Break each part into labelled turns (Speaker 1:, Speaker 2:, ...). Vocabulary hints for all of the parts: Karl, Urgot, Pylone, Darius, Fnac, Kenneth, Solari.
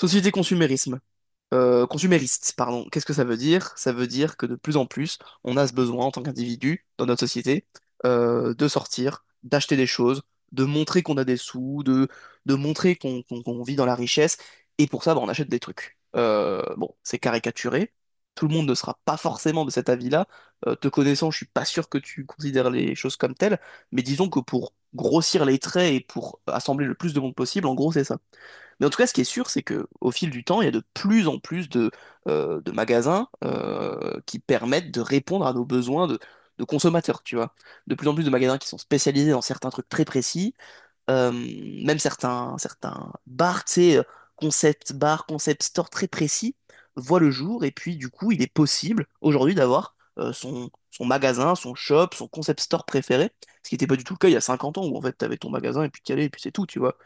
Speaker 1: Société consumérisme. Consumériste, pardon. Qu'est-ce que ça veut dire? Ça veut dire que de plus en plus, on a ce besoin en tant qu'individu dans notre société de sortir, d'acheter des choses, de montrer qu'on a des sous, de montrer qu'on vit dans la richesse. Et pour ça, bah, on achète des trucs. Bon, c'est caricaturé. Tout le monde ne sera pas forcément de cet avis-là. Te connaissant, je suis pas sûr que tu considères les choses comme telles. Mais disons que pour grossir les traits et pour assembler le plus de monde possible, en gros, c'est ça. Mais en tout cas, ce qui est sûr, c'est que au fil du temps, il y a de plus en plus de magasins qui permettent de répondre à nos besoins de consommateurs, tu vois. De plus en plus de magasins qui sont spécialisés dans certains trucs très précis, euh, même certains bars, tu sais, concept bar, concept store très précis, voient le jour. Et puis, du coup, il est possible aujourd'hui d'avoir son magasin, son shop, son concept store préféré, ce qui n'était pas du tout le cas il y a 50 ans où en fait, tu avais ton magasin et puis t'y allais et puis c'est tout, tu vois.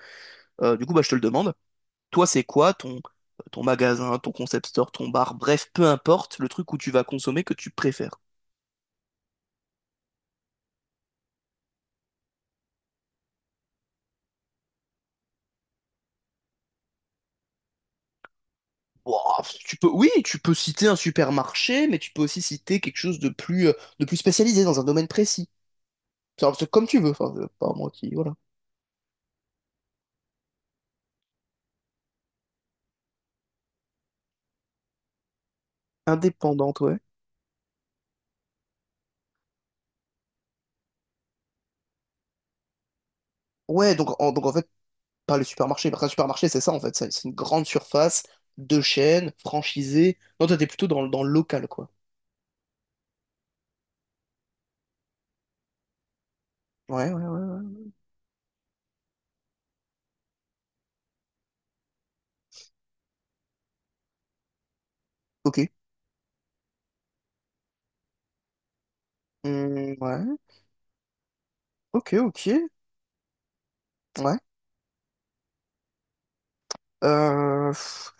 Speaker 1: Du coup, bah, je te le demande. Toi, c'est quoi ton magasin, ton concept store, ton bar, bref, peu importe, le truc où tu vas consommer que tu préfères. Ouah, tu peux, oui, tu peux citer un supermarché, mais tu peux aussi citer quelque chose de plus spécialisé dans un domaine précis. C'est comme tu veux, enfin, pas moi qui, voilà. Indépendante, ouais. Ouais, donc en fait, pas le supermarché. Parce qu'un supermarché, c'est ça, en fait. C'est une grande surface, deux chaînes, franchisée. Non, toi, t'es plutôt dans le local, quoi. Ouais, ouais, ouais, ouais. Ok. Ouais. Ok, ok. Ouais. Euh, pff,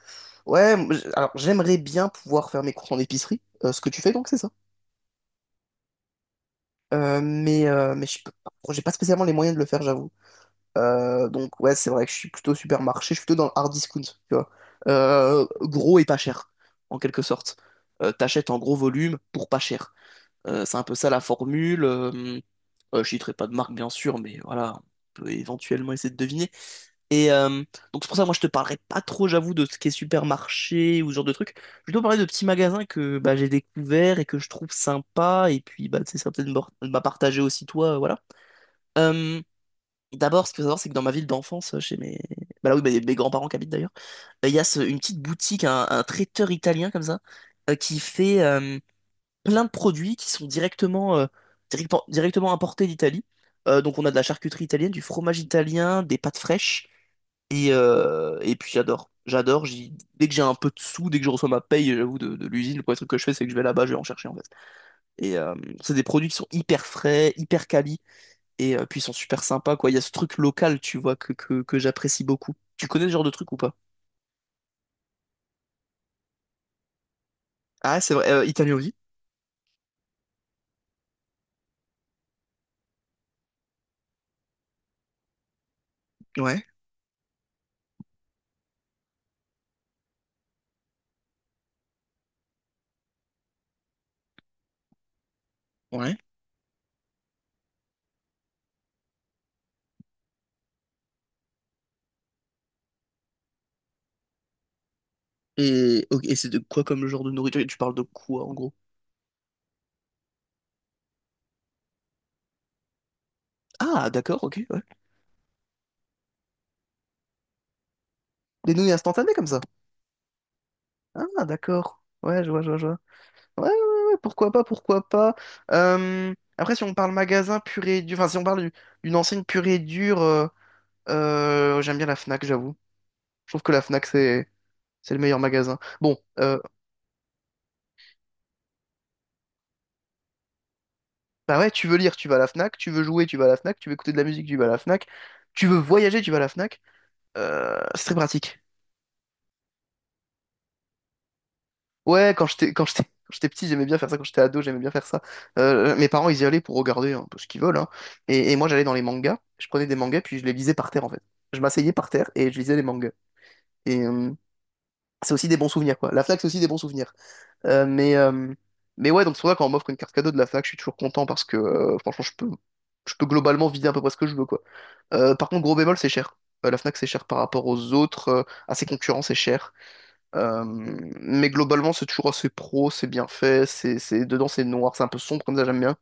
Speaker 1: ouais, moi, alors j'aimerais bien pouvoir faire mes courses en épicerie, ce que tu fais donc, c'est ça? Mais je peux pas- j'ai pas spécialement les moyens de le faire, j'avoue. Donc ouais, c'est vrai que je suis plutôt supermarché, je suis plutôt dans le hard discount, tu vois. Gros et pas cher, en quelque sorte. T'achètes en gros volume pour pas cher. C'est un peu ça la formule. Je citerai pas de marque, bien sûr, mais voilà, on peut éventuellement essayer de deviner. Et donc c'est pour ça que moi je te parlerai pas trop j'avoue de ce qui est supermarché ou ce genre de truc. Je vais plutôt parler de petits magasins que bah, j'ai découverts et que je trouve sympa et puis bah tu sais, ça va peut-être m'a partagé aussi toi voilà. Euh, d'abord ce qu'il faut savoir c'est que dans ma ville d'enfance chez mes bah là oui bah, mes grands-parents qui habitent d'ailleurs il y a une petite boutique un traiteur italien comme ça qui fait plein de produits qui sont directement importés d'Italie. Donc on a de la charcuterie italienne, du fromage italien, des pâtes fraîches. Et puis j'adore. J'adore. Dès que j'ai un peu de sous, dès que je reçois ma paye, j'avoue, de l'usine, le premier truc que je fais, c'est que je vais là-bas, je vais en chercher en fait. Et c'est des produits qui sont hyper frais, hyper quali, et puis ils sont super sympas, quoi. Il y a ce truc local, tu vois, que j'apprécie beaucoup. Tu connais ce genre de truc ou pas? Ah, c'est vrai. Italien aussi? Ouais, ouais. Et, ok, et c'est de quoi comme genre de nourriture? Tu parles de quoi en gros? Ah, d'accord, ok, ouais. Des nouilles instantanées comme ça. Ah, d'accord. Ouais, je vois, je vois, je vois. Ouais, ouais, ouais, pourquoi pas, pourquoi pas. Après, si on parle magasin pur et dur, enfin, si on parle d'une enseigne pure et dure, j'aime bien la Fnac, j'avoue. Je trouve que la Fnac, c'est le meilleur magasin. Bon, bah ouais, tu veux lire, tu vas à la Fnac, tu veux jouer, tu vas à la Fnac, tu veux écouter de la musique, tu vas à la Fnac, tu veux voyager, tu vas à la Fnac. C'est très pratique. Ouais, quand j'étais petit, j'aimais bien faire ça. Quand j'étais ado, j'aimais bien faire ça. Mes parents, ils y allaient pour regarder un peu ce qu'ils veulent, hein. Et moi, j'allais dans les mangas. Je prenais des mangas, puis je les lisais par terre, en fait. Je m'asseyais par terre et je lisais les mangas. Et c'est aussi des bons souvenirs, quoi. La Fnac, c'est aussi des bons souvenirs. Euh, mais euh, mais ouais, donc c'est pour ça quand on m'offre une carte cadeau de la Fnac, je suis toujours content parce que franchement, je peux globalement vider à peu près ce que je veux, quoi. Par contre, gros bémol, c'est cher. La Fnac, c'est cher par rapport aux autres. À ses concurrents, c'est cher. Euh, mais globalement, c'est toujours assez pro, c'est bien fait, dedans c'est noir, c'est un peu sombre comme ça, j'aime bien.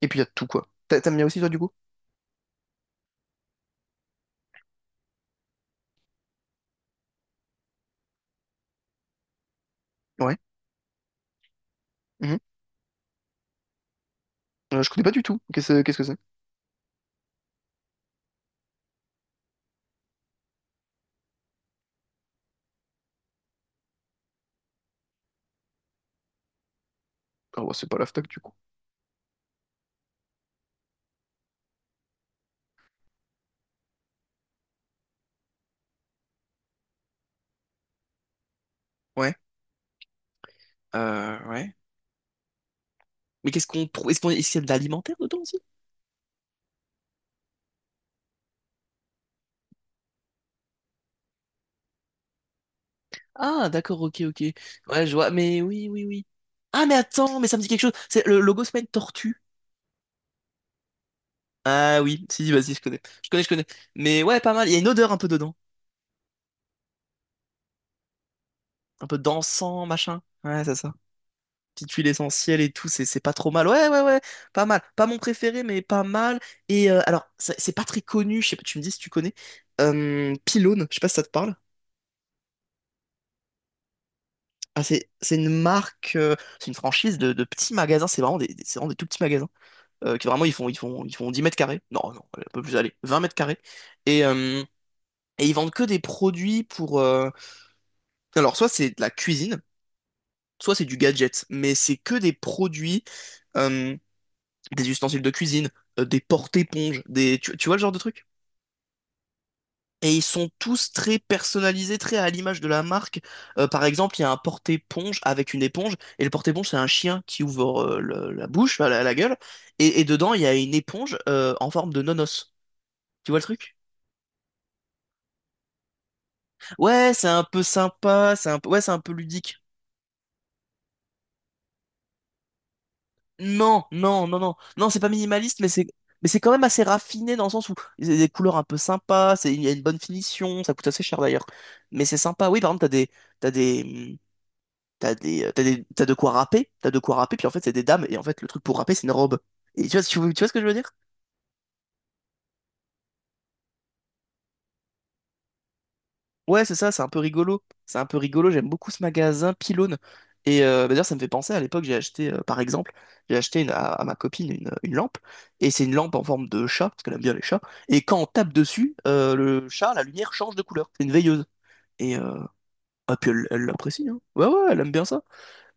Speaker 1: Et puis il y a tout quoi. T'aimes bien aussi toi du coup? Ouais. Mhm. Je connais pas du tout. Qu'est-ce que c'est? Ah ouais, c'est pas l'AFTAC du coup. Ouais. Ah, d'accord, ok, ok. Ouais, je vois, mais oui, oui, oui. Ah, mais attends, mais ça me dit quelque chose. C'est le logo, c'est pas une tortue. Ah oui, si, si, vas-y, je connais. Je connais, je connais. Mais ouais, pas mal. Il y a une odeur un peu dedans. Un peu d'encens, machin. Ouais, c'est ça. Petite huile essentielle et tout, c'est pas trop mal. Ouais, ouais, ouais, pas mal. Pas mon préféré, mais pas mal. Et alors, c'est pas très connu, je sais pas, tu me dis si tu connais. Pylone, je sais pas si ça te parle. Ah, c'est une marque, c'est une franchise de petits magasins, c'est vraiment c'est vraiment des tout petits magasins. Qui vraiment, ils font 10 mètres carrés. Non, non, un peu plus, allez, 20 mètres carrés. Et, euh, et ils vendent que des produits pour... Alors, soit c'est de la cuisine, soit c'est du gadget, mais c'est que des produits... euh, des ustensiles de cuisine, des porte-éponges, des... Tu vois le genre de truc? Et ils sont tous très personnalisés, très à l'image de la marque. Par exemple, il y a un porte-éponge avec une éponge, et le porte-éponge, c'est un chien qui ouvre la bouche, enfin, la gueule, et dedans, il y a une éponge en forme de nonos. Tu vois le truc? Ouais, c'est un peu sympa, c'est un peu, ouais, c'est un peu ludique. Non, non, non, non, non, c'est pas minimaliste, mais c'est quand même assez raffiné dans le sens où il y a des couleurs un peu sympas, il y a une bonne finition, ça coûte assez cher d'ailleurs, mais c'est sympa. Oui, par exemple, t'as des, mm, t'as de quoi râper, puis en fait c'est des dames, et en fait le truc pour râper c'est une robe. Et tu vois, tu vois ce que je veux dire? Ouais, c'est ça, c'est un peu rigolo. C'est un peu rigolo, j'aime beaucoup ce magasin Pylône. Et bah, d'ailleurs, ça me fait penser, à l'époque, j'ai acheté, par exemple, j'ai acheté à ma copine une lampe, et c'est une lampe en forme de chat, parce qu'elle aime bien les chats, et quand on tape dessus, le chat, la lumière change de couleur. C'est une veilleuse. Et, euh, ah, puis elle l'apprécie, hein. Ouais, ouais, elle aime bien ça.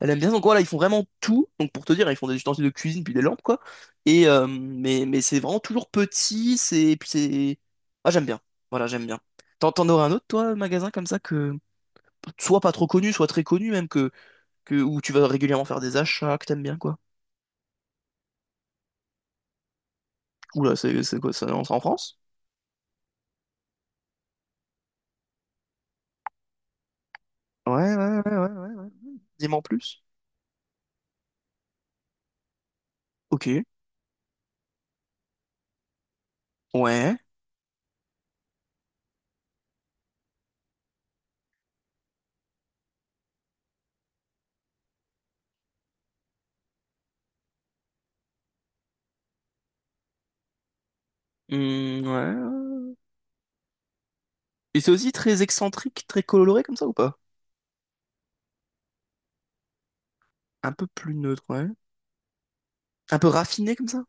Speaker 1: Elle aime bien, ça. Donc voilà, ils font vraiment tout. Donc pour te dire, ils font des ustensiles de cuisine, puis des lampes, quoi. Mais c'est vraiment toujours petit, c'est, puis c'est... Ah, j'aime bien. Voilà, j'aime bien. T'en aurais un autre, toi, magasin comme ça que soit pas trop connu, soit très connu même, où tu vas régulièrement faire des achats que t'aimes bien, quoi. Oula, c'est quoi, ça c'est en France? Ouais, ouais, ouais, ouais, ouais. Ouais. Dis-moi en plus. Ok. Ouais. Hmm, ouais. Et c'est aussi très excentrique, très coloré comme ça ou pas? Un peu plus neutre, ouais. Un peu raffiné comme ça?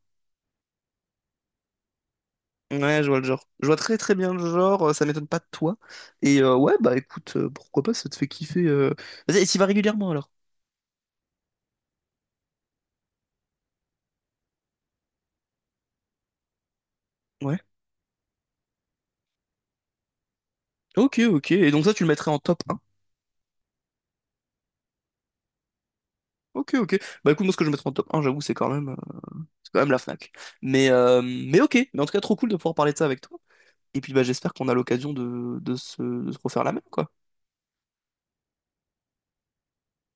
Speaker 1: Ouais, je vois le genre. Je vois très très bien le genre, ça m'étonne pas de toi. Et ouais, bah écoute, pourquoi pas, ça te fait kiffer. Vas-y, et t'y vas régulièrement alors? Ouais. Ok, ok. Et donc ça, tu le mettrais en top un? Ok, ok. Bah écoute, moi ce que je mettrais en top un j'avoue, c'est quand même. C'est quand même la Fnac. Mais ok, mais en tout cas, trop cool de pouvoir parler de ça avec toi. Et puis bah, j'espère qu'on a l'occasion de se refaire la même, quoi.